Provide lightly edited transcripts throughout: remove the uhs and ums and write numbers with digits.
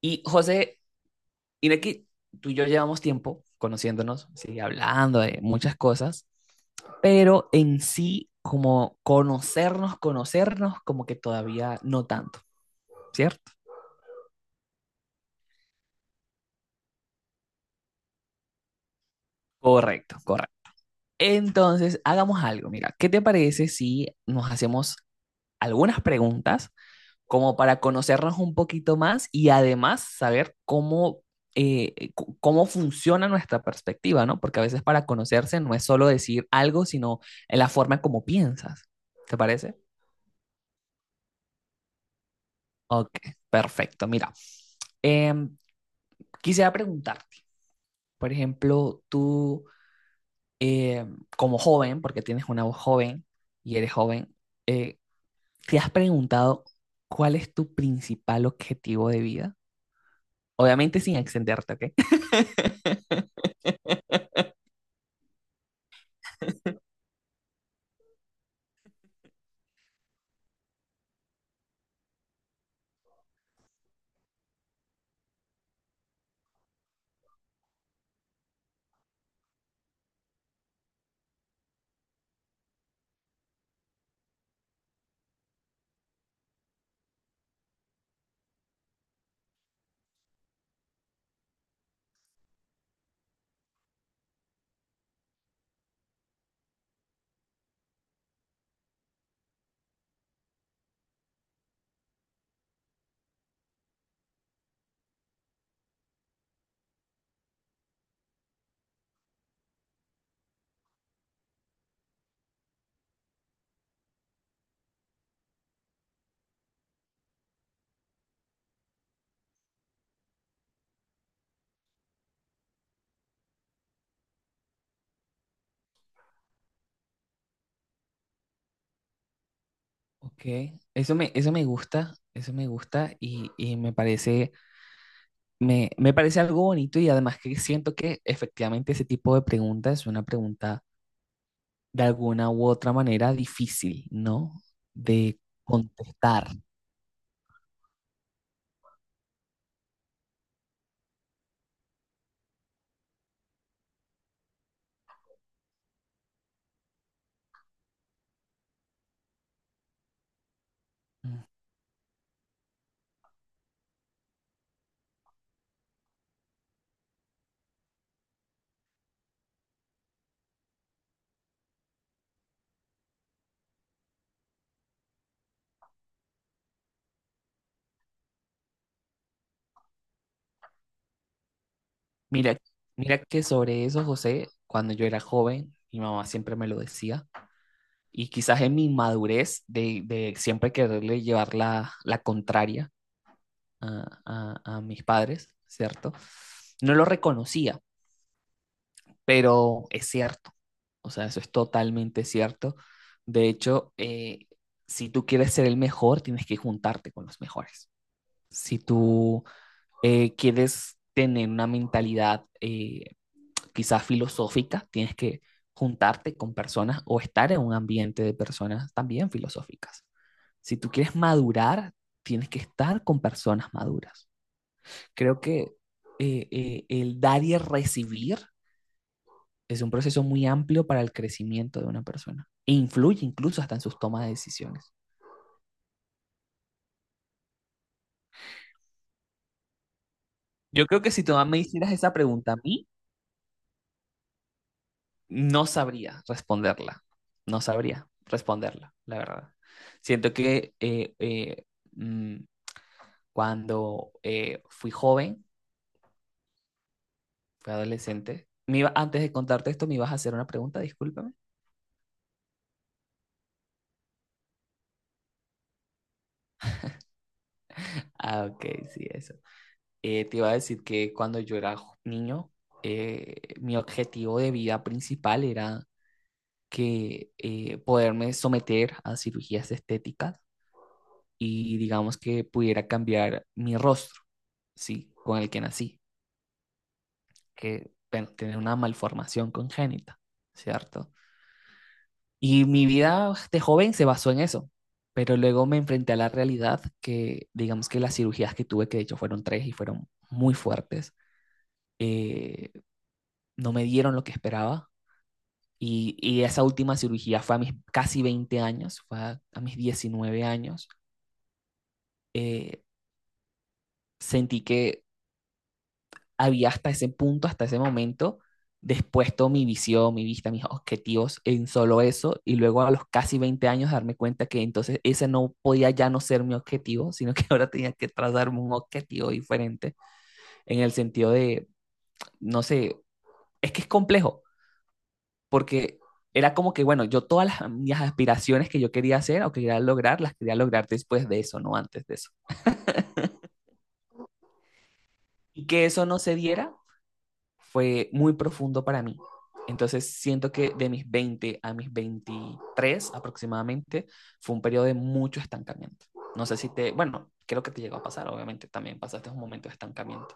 Y José, mira que tú y yo llevamos tiempo conociéndonos, sí, hablando de muchas cosas, pero en sí, como conocernos, conocernos, como que todavía no tanto, ¿cierto? Correcto, correcto. Entonces, hagamos algo, mira, ¿qué te parece si nos hacemos algunas preguntas como para conocernos un poquito más y además saber cómo, cómo funciona nuestra perspectiva, ¿no? Porque a veces para conocerse no es solo decir algo, sino en la forma como piensas. ¿Te parece? Ok, perfecto. Mira, em, quisiera preguntarte, por ejemplo, tú como joven, porque tienes una voz joven y eres joven, eh, ¿te has preguntado cuál es tu principal objetivo de vida? Obviamente sin extenderte, ¿ok? Ok, eso me gusta y me parece, me parece algo bonito y además que siento que efectivamente ese tipo de pregunta es una pregunta de alguna u otra manera difícil, ¿no? De contestar. Mm. Mira, mira que sobre eso, José, cuando yo era joven, mi mamá siempre me lo decía y quizás en mi madurez de, siempre quererle llevar la, contraria a, mis padres, ¿cierto? No lo reconocía, pero es cierto, o sea, eso es totalmente cierto. De hecho, si tú quieres ser el mejor, tienes que juntarte con los mejores. Si tú quieres tener una mentalidad quizás filosófica, tienes que juntarte con personas o estar en un ambiente de personas también filosóficas. Si tú quieres madurar, tienes que estar con personas maduras. Creo que el dar y el recibir es un proceso muy amplio para el crecimiento de una persona e influye incluso hasta en sus tomas de decisiones. Yo creo que si tú me hicieras esa pregunta a mí, no sabría responderla, no sabría responderla, la verdad. Siento que mmm, cuando fui joven, fui adolescente, me iba, antes de contarte esto, me ibas a hacer una pregunta, discúlpame. Ah, ok, sí, eso. Te iba a decir que cuando yo era niño, mi objetivo de vida principal era que poderme someter a cirugías estéticas y digamos que pudiera cambiar mi rostro, ¿sí? Con el que nací, que, bueno, tener una malformación congénita, ¿cierto? Y mi vida de joven se basó en eso, pero luego me enfrenté a la realidad que, digamos que las cirugías que tuve, que de hecho fueron tres y fueron muy fuertes, eh, no me dieron lo que esperaba. Y esa última cirugía fue a mis casi 20 años, fue a mis 19 años. eh, sentí que había hasta ese punto, hasta ese momento, despuesto mi visión, mi vista, mis objetivos en solo eso, y luego a los casi 20 años darme cuenta que entonces ese no podía ya no ser mi objetivo, sino que ahora tenía que trazarme un objetivo diferente, en el sentido de, no sé, es que es complejo, porque era como que, bueno, yo todas las, mis aspiraciones que yo quería hacer o que quería lograr, las quería lograr después de eso, no antes de eso. Y que eso no se diera fue muy profundo para mí. Entonces siento que de mis 20 a mis 23 aproximadamente fue un periodo de mucho estancamiento. No sé si te, bueno, creo que te llegó a pasar, obviamente, también pasaste un momento de estancamiento.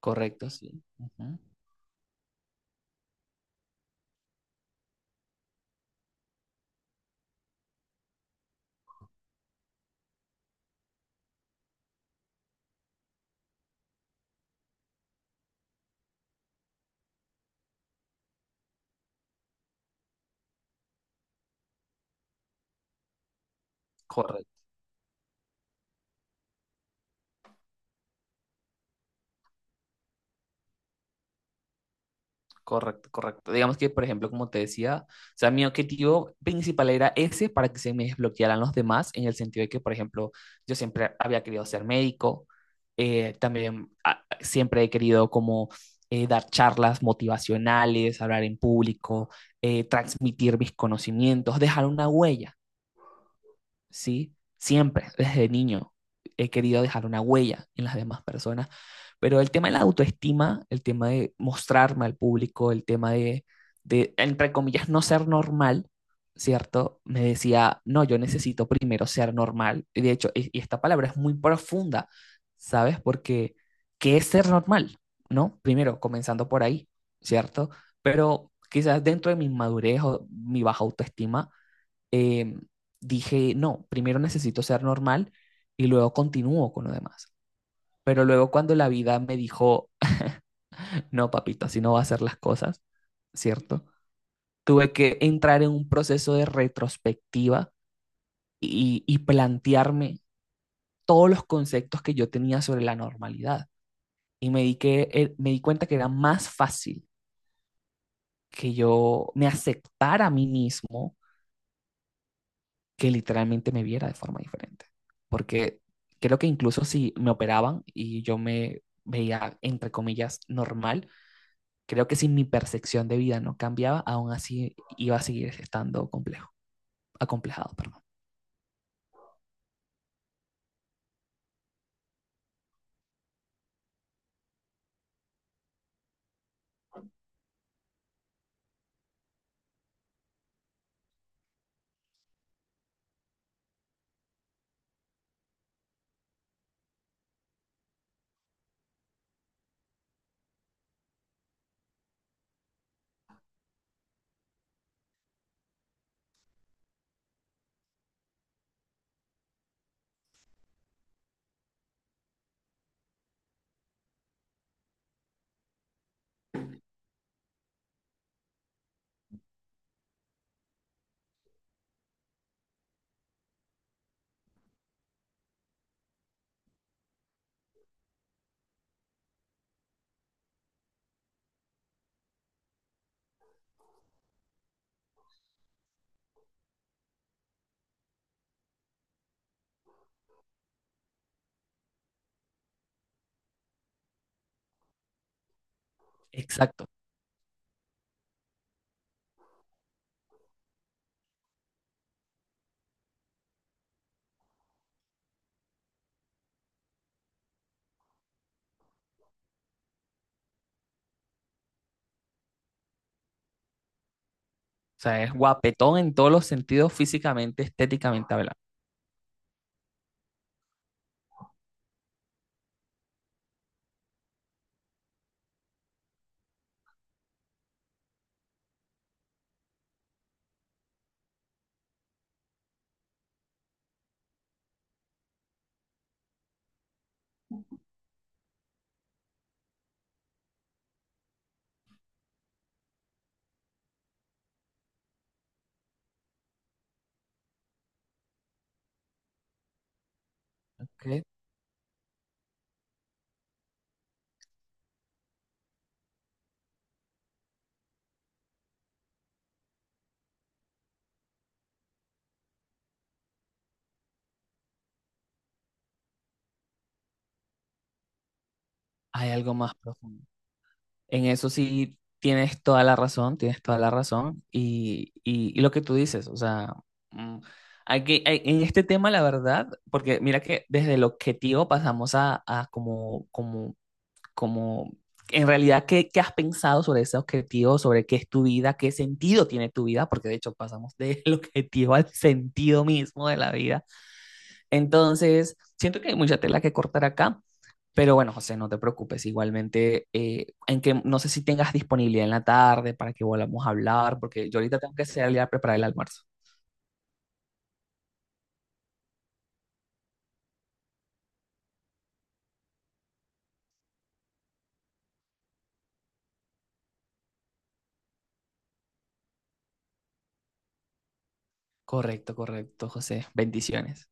Correcto, sí. Ujú. Correcto. Correcto, correcto. Digamos que, por ejemplo, como te decía, o sea, mi objetivo principal era ese para que se me desbloquearan los demás, en el sentido de que, por ejemplo, yo siempre había querido ser médico, también siempre he querido como dar charlas motivacionales, hablar en público, transmitir mis conocimientos, dejar una huella. ¿Sí? Siempre, desde niño, he querido dejar una huella en las demás personas, pero el tema de la autoestima, el tema de mostrarme al público, el tema de, entre comillas, no ser normal, ¿cierto? Me decía, no, yo necesito primero ser normal. Y de hecho, y esta palabra es muy profunda, ¿sabes? Porque, ¿qué es ser normal? ¿No? Primero, comenzando por ahí, ¿cierto? Pero quizás dentro de mi inmadurez o mi baja autoestima, eh, dije, no, primero necesito ser normal y luego continúo con lo demás. Pero luego cuando la vida me dijo, no, papito, así no va a hacer las cosas, ¿cierto? Tuve que entrar en un proceso de retrospectiva y plantearme todos los conceptos que yo tenía sobre la normalidad. Y me di cuenta que era más fácil que yo me aceptara a mí mismo que literalmente me viera de forma diferente. Porque creo que incluso si me operaban y yo me veía, entre comillas, normal, creo que si mi percepción de vida no cambiaba, aún así iba a seguir estando complejo, acomplejado, perdón. Exacto. O sea, es guapetón en todos los sentidos, físicamente, estéticamente hablando. ¿Ok? Hay algo más profundo. En eso sí tienes toda la razón, tienes toda la razón. Y lo que tú dices, o sea, mm, hay que, hay- en este tema, la verdad, porque mira que desde el objetivo pasamos a como, como, como, en realidad, ¿qué, qué has pensado sobre ese objetivo, sobre qué es tu vida, qué sentido tiene tu vida? Porque de hecho pasamos del objetivo al sentido mismo de la vida. Entonces, siento que hay mucha tela que cortar acá, pero bueno, José, no te preocupes. Igualmente, en que no sé si tengas disponibilidad en la tarde para que volvamos a hablar, porque yo ahorita tengo que salir a preparar el almuerzo. Correcto, correcto, José. Bendiciones.